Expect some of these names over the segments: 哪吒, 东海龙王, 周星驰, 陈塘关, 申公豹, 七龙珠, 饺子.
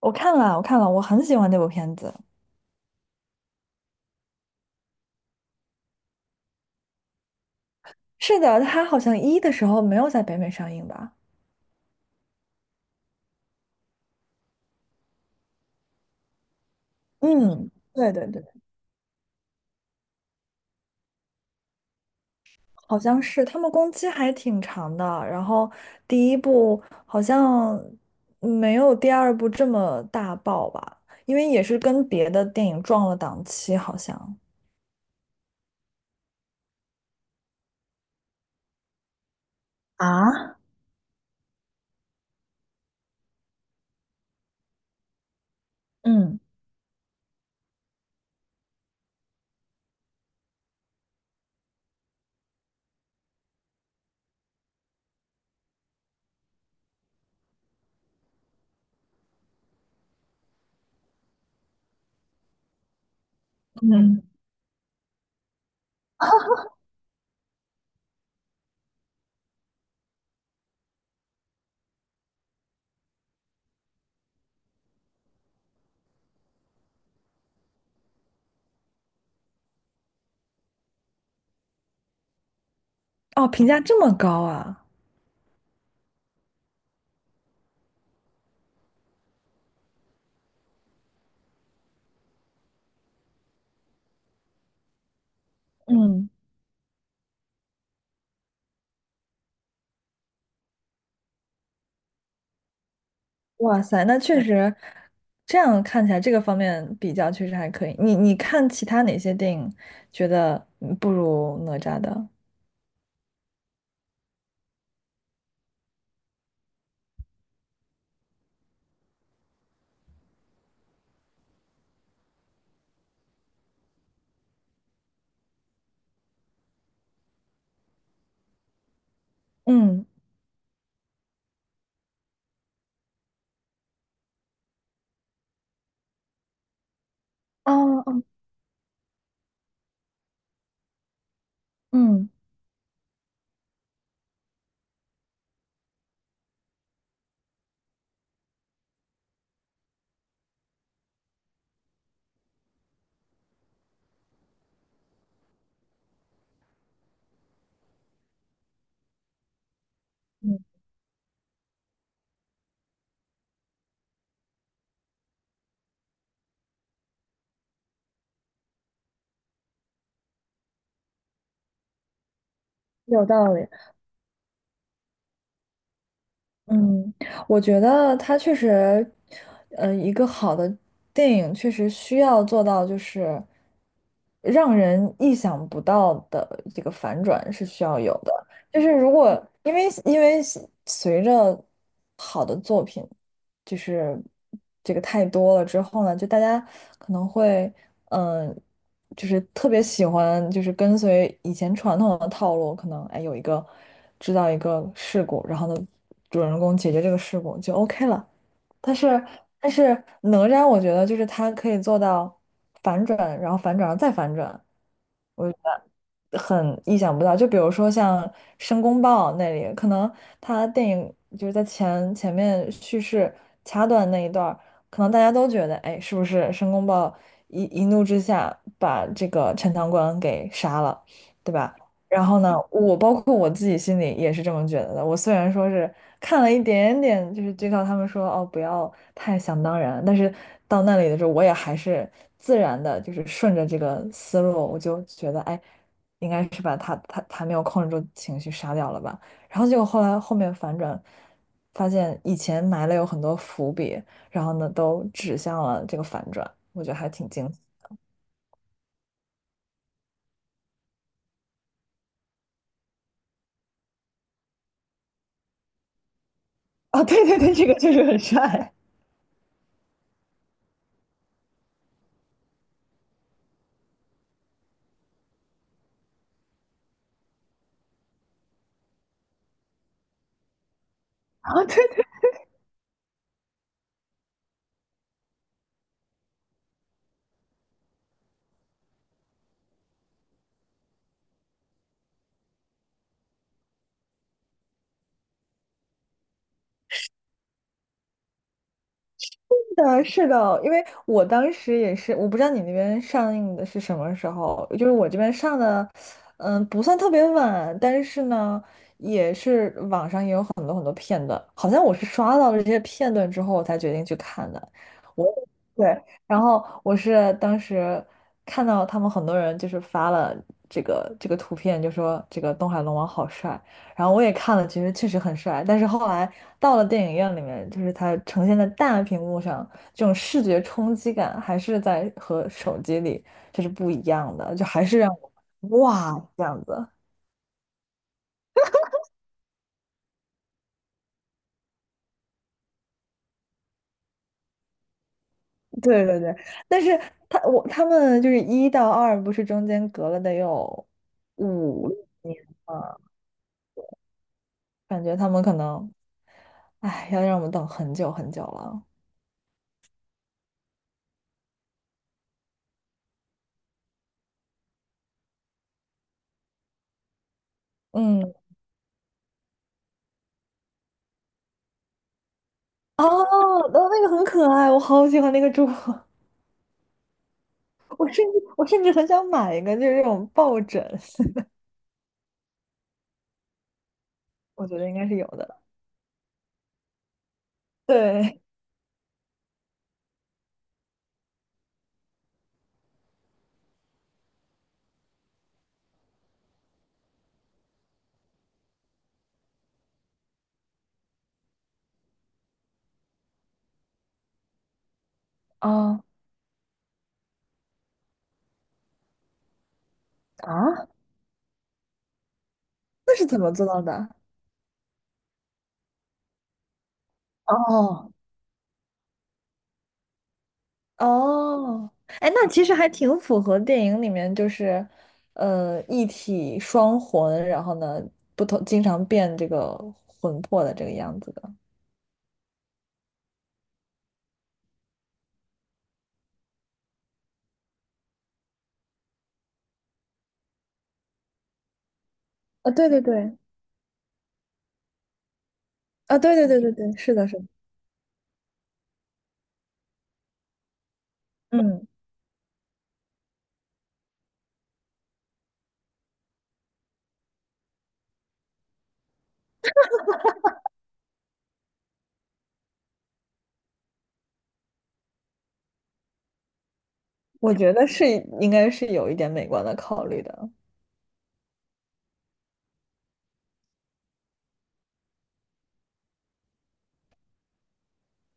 我看了，我看了，我很喜欢那部片子。是的，它好像一的时候没有在北美上映吧？嗯，对对对，好像是。他们工期还挺长的，然后第一部好像没有第二部这么大爆吧，因为也是跟别的电影撞了档期，好像。啊，嗯嗯，嗯，哦，评价这么高啊！嗯。哇塞，那确实，这样看起来这个方面比较确实还可以。你看其他哪些电影觉得嗯不如哪吒的？嗯，哦哦，嗯嗯，有道理。嗯，我觉得它确实，一个好的电影确实需要做到就是让人意想不到的这个反转是需要有的。就是如果因为因为随着好的作品，就是这个太多了之后呢，就大家可能会。嗯。就是特别喜欢，就是跟随以前传统的套路，可能哎有一个制造一个事故，然后呢，主人公解决这个事故就 OK 了，但是但是哪吒，我觉得就是他可以做到反转，然后反转，然后再反转，我觉得很意想不到。就比如说像申公豹那里，可能他电影就是在前面叙事掐断那一段儿可能大家都觉得，哎，是不是申公豹一怒之下把这个陈塘关给杀了，对吧？然后呢，我包括我自己心里也是这么觉得的。我虽然说是看了一点点，就是知道他们说哦不要太想当然，但是到那里的时候，我也还是自然的，就是顺着这个思路，我就觉得哎，应该是把他没有控制住情绪杀掉了吧。然后结果后来后面反转，发现以前埋了有很多伏笔，然后呢都指向了这个反转，我觉得还挺惊啊！哦对对对，这个确实很帅。啊！对。的，是的，因为我当时也是，我不知道你那边上映的是什么时候，就是我这边上的，嗯，不算特别晚，但是呢，也是网上也有。片段好像我是刷到了这些片段之后，我才决定去看的。我对，然后我是当时看到他们很多人就是发了这个图片，就说这个东海龙王好帅，然后我也看了，其实确实很帅，但是后来到了电影院里面，就是它呈现在大屏幕上，这种视觉冲击感还是在和手机里这是不一样的，就还是让我哇这样子。对对对，但是他我他们就是一到二，不是中间隔了得有五六吗？感觉他们可能，哎，要让我们等很久很久了。嗯，哦，那那个很可爱，我好喜欢那个猪，我甚至我甚至很想买一个，就是这种抱枕，我觉得应该是有的。对，啊啊，那是怎么做到的？哦，哦，哎，那其实还挺符合电影里面就是，呃，一体双魂，然后呢，不同经常变这个魂魄的这个样子的。啊，对对对，啊，对对对对对，是的，是的。嗯，我觉得是应该是有一点美观的考虑的。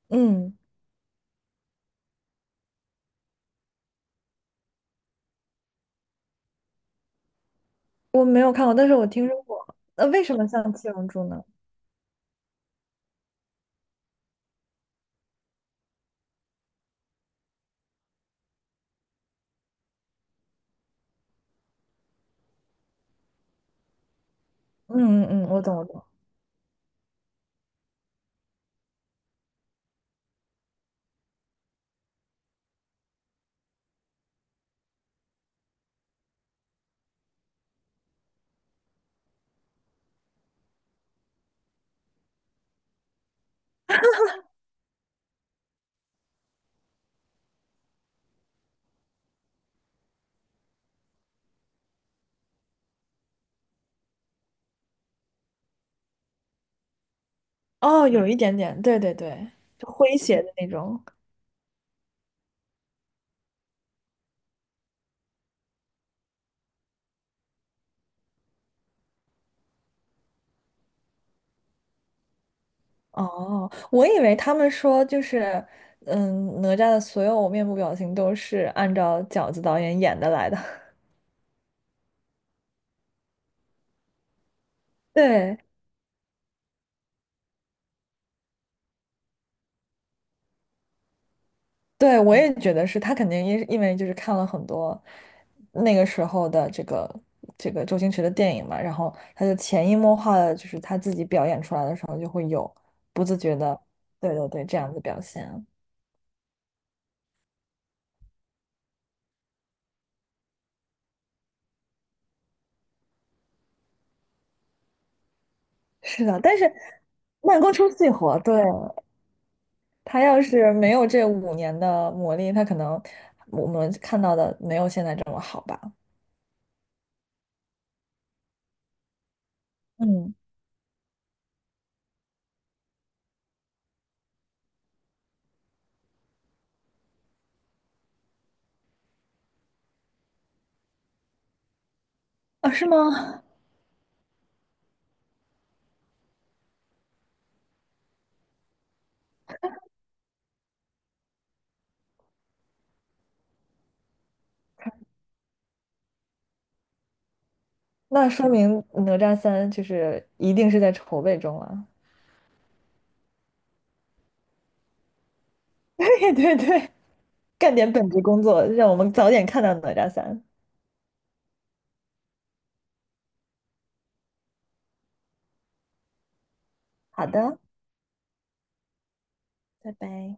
嗯，我没有看过，但是我听说过。那、为什么像七龙珠呢？嗯嗯嗯，我懂我懂。哦，有一点点，对对对，就诙谐的那种。哦，我以为他们说就是，嗯，哪吒的所有面部表情都是按照饺子导演演的来的。对，对，我也觉得是他肯定因为就是看了很多那个时候的这个周星驰的电影嘛，然后他就潜移默化的，就是他自己表演出来的时候就会有不自觉的，对对对，这样子表现啊。是的，但是慢工出细活，对他要是没有这5年的磨砺，他可能我们看到的没有现在这么好吧？嗯，啊，是吗？那说明哪吒三就是一定是在筹备中了。对对对，干点本职工作，让我们早点看到哪吒三。好的，拜拜。